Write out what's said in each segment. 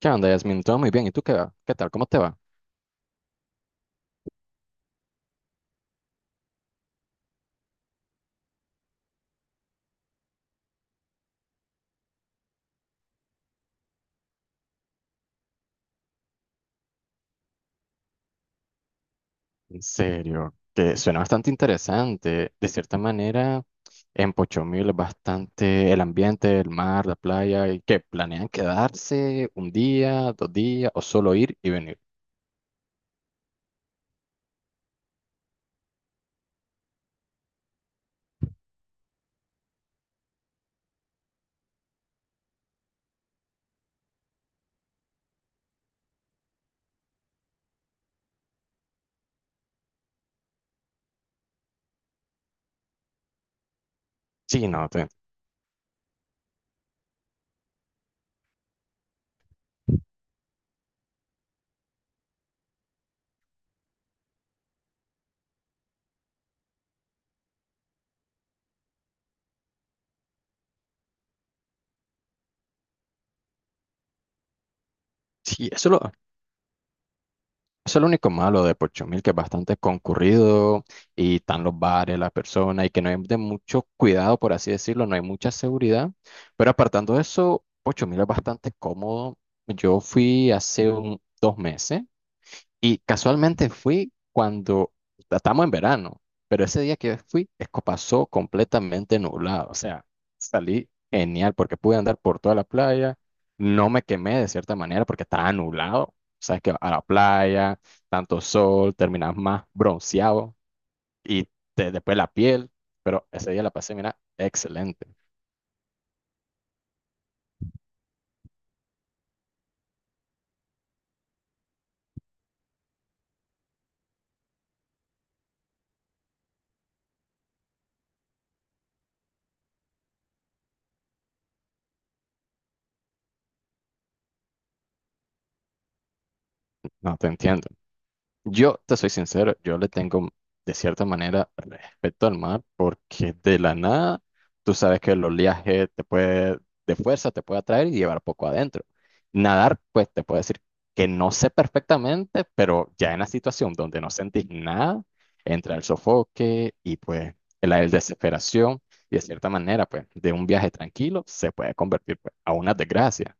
¿Qué onda, Yasmin? Todo muy bien. ¿Y tú qué va? ¿Qué tal? ¿Cómo te va? En serio, que suena bastante interesante. De cierta manera, en Pochomil es bastante el ambiente, el mar, la playa, y que planean quedarse un día, 2 días, o solo ir y venir. Sí, no, sí, eso es lo único malo de Pochumil, que es bastante concurrido y están los bares, las personas, y que no hay de mucho cuidado, por así decirlo, no hay mucha seguridad. Pero apartando eso, Pochumil es bastante cómodo. Yo fui hace 2 meses y casualmente fui cuando estamos en verano, pero ese día que fui, es que pasó completamente nublado. O sea, salí genial porque pude andar por toda la playa. No me quemé de cierta manera porque estaba nublado. Sabes que a la playa, tanto sol, terminas más bronceado y después la piel. Pero ese día la pasé, mira, excelente. No te entiendo. Yo te soy sincero, yo le tengo de cierta manera respeto al mar porque de la nada tú sabes que el oleaje te puede, de fuerza te puede atraer y llevar poco adentro. Nadar, pues te puedo decir que no sé perfectamente, pero ya en la situación donde no sentís nada, entra el sofoque y pues la desesperación y de cierta manera, pues de un viaje tranquilo se puede convertir pues, a una desgracia.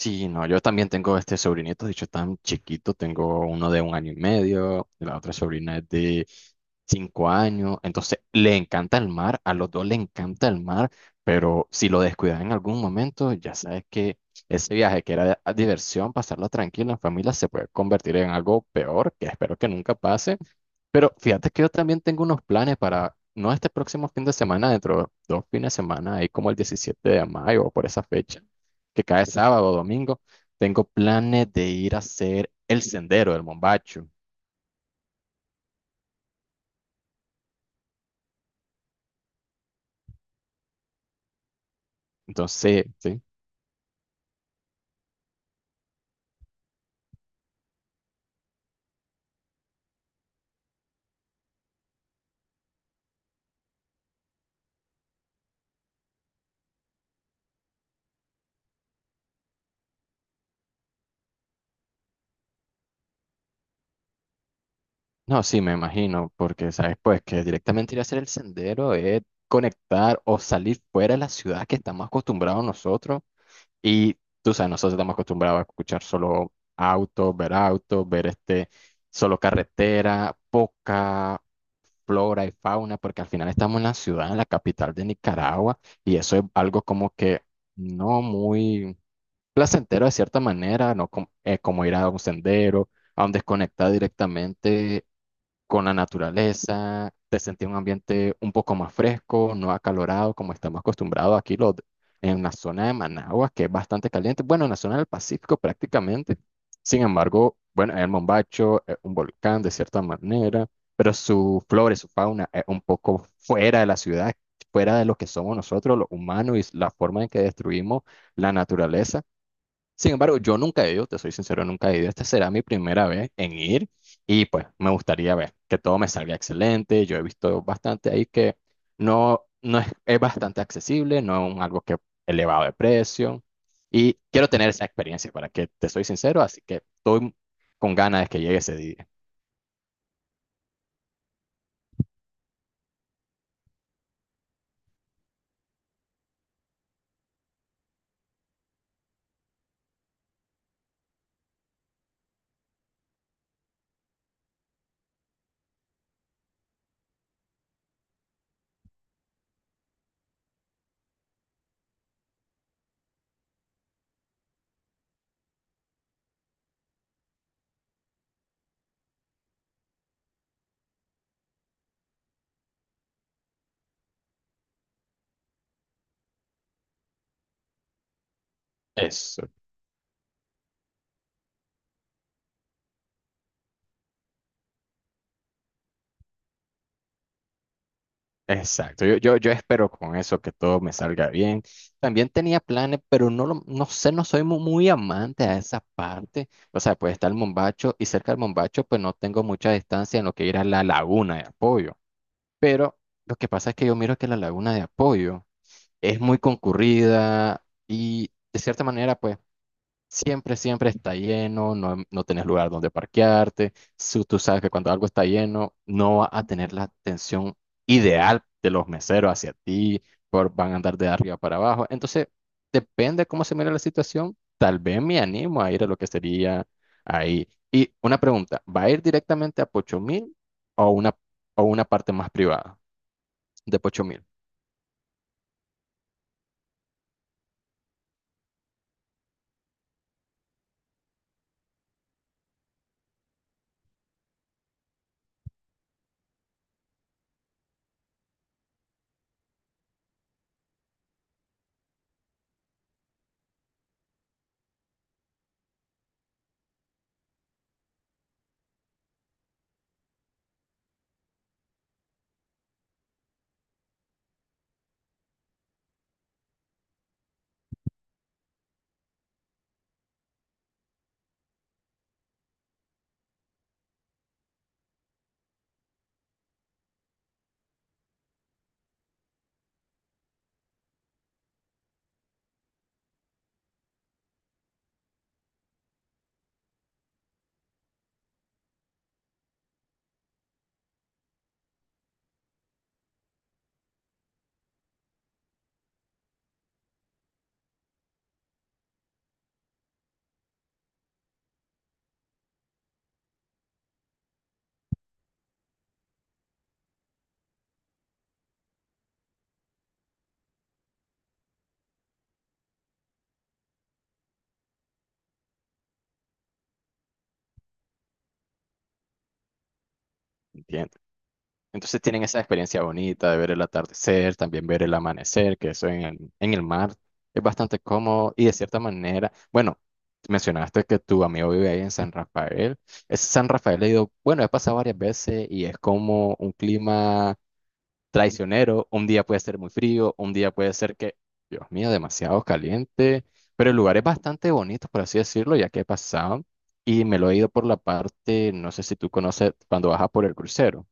Sí, no, yo también tengo este sobrinito, de hecho tan chiquito, tengo uno de un año y medio, la otra sobrina es de 5 años, entonces le encanta el mar, a los dos le encanta el mar, pero si lo descuidas en algún momento, ya sabes que ese viaje que era a diversión, pasarlo tranquilo en familia, se puede convertir en algo peor, que espero que nunca pase, pero fíjate que yo también tengo unos planes para, no este próximo fin de semana, dentro de 2 fines de semana, ahí como el 17 de mayo o por esa fecha, que cae sábado o domingo, tengo planes de ir a hacer el sendero del Mombacho. Entonces, sí, no, sí, me imagino, porque sabes, pues que directamente ir a hacer el sendero es conectar o salir fuera de la ciudad que estamos acostumbrados nosotros. Y tú sabes, nosotros estamos acostumbrados a escuchar solo autos, ver este, solo carretera, poca flora y fauna, porque al final estamos en la ciudad, en la capital de Nicaragua, y eso es algo como que no muy placentero de cierta manera, ¿no? Como ir a un sendero, a un desconectar directamente con la naturaleza, te sentí un ambiente un poco más fresco, no acalorado como estamos acostumbrados aquí en la zona de Managua, que es bastante caliente, bueno, en la zona del Pacífico prácticamente. Sin embargo, bueno, el Mombacho es un volcán de cierta manera, pero su flora y su fauna es un poco fuera de la ciudad, fuera de lo que somos nosotros los humanos y la forma en que destruimos la naturaleza. Sin embargo, yo nunca he ido, te soy sincero, nunca he ido. Esta será mi primera vez en ir y pues me gustaría ver que todo me salga excelente. Yo he visto bastante ahí que no, no es, es bastante accesible, no es un algo que elevado de precio y quiero tener esa experiencia para que te soy sincero, así que estoy con ganas de que llegue ese día. Eso. Exacto, yo espero con eso que todo me salga bien. También tenía planes, pero no, lo- no sé, no soy muy, amante a esa parte. O sea, pues está el Mombacho y cerca del Mombacho, pues no tengo mucha distancia en lo que ir a la Laguna de Apoyo. Pero lo que pasa es que yo miro que la Laguna de Apoyo es muy concurrida y de cierta manera, pues. Siempre, siempre está lleno, no, no tenés lugar donde parquearte. Tú sabes que cuando algo está lleno, no va a tener la atención ideal de los meseros hacia ti, van a andar de arriba para abajo. Entonces, depende cómo se mire la situación. Tal vez me animo a ir a lo que sería ahí. Y una pregunta, ¿va a ir directamente a Pochomil o una, o una parte más privada de Pochomil? ¿Entiendes? Entonces tienen esa experiencia bonita de ver el atardecer, también ver el amanecer, que eso en el, mar es bastante cómodo y de cierta manera, bueno, mencionaste que tu amigo vive ahí en San Rafael. Es San Rafael, he ido, bueno, he pasado varias veces y es como un clima traicionero. Un día puede ser muy frío, un día puede ser que, Dios mío, demasiado caliente, pero el lugar es bastante bonito, por así decirlo, ya que he pasado y me lo he ido por la parte, no sé si tú conoces, cuando bajas por el crucero.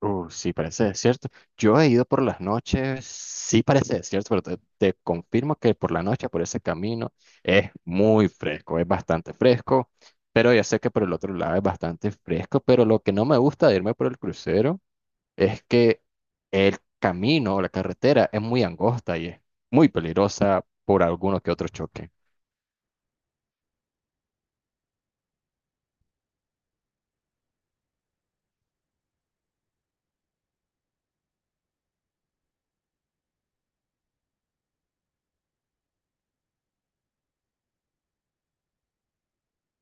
Sí, parece desierto. Yo he ido por las noches, sí parece desierto, pero te confirmo que por la noche, por ese camino, es muy fresco, es bastante fresco, pero ya sé que por el otro lado es bastante fresco, pero lo que no me gusta de irme por el crucero es que el camino o la carretera es muy angosta y es muy peligrosa por alguno que otro choque.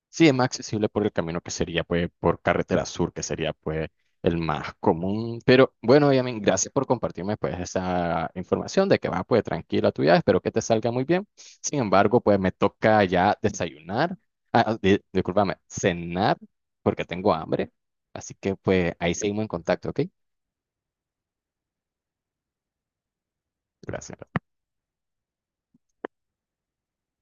Sí, es más accesible por el camino que sería, pues, por Carretera Sur, que sería, pues, el más común. Pero bueno, Yamin, gracias por compartirme, pues, esa información de que va, pues, tranquila tu viaje. Espero que te salga muy bien. Sin embargo, pues, me toca ya desayunar, ah, discúlpame, cenar, porque tengo hambre. Así que, pues, ahí seguimos en contacto, ¿ok? Gracias.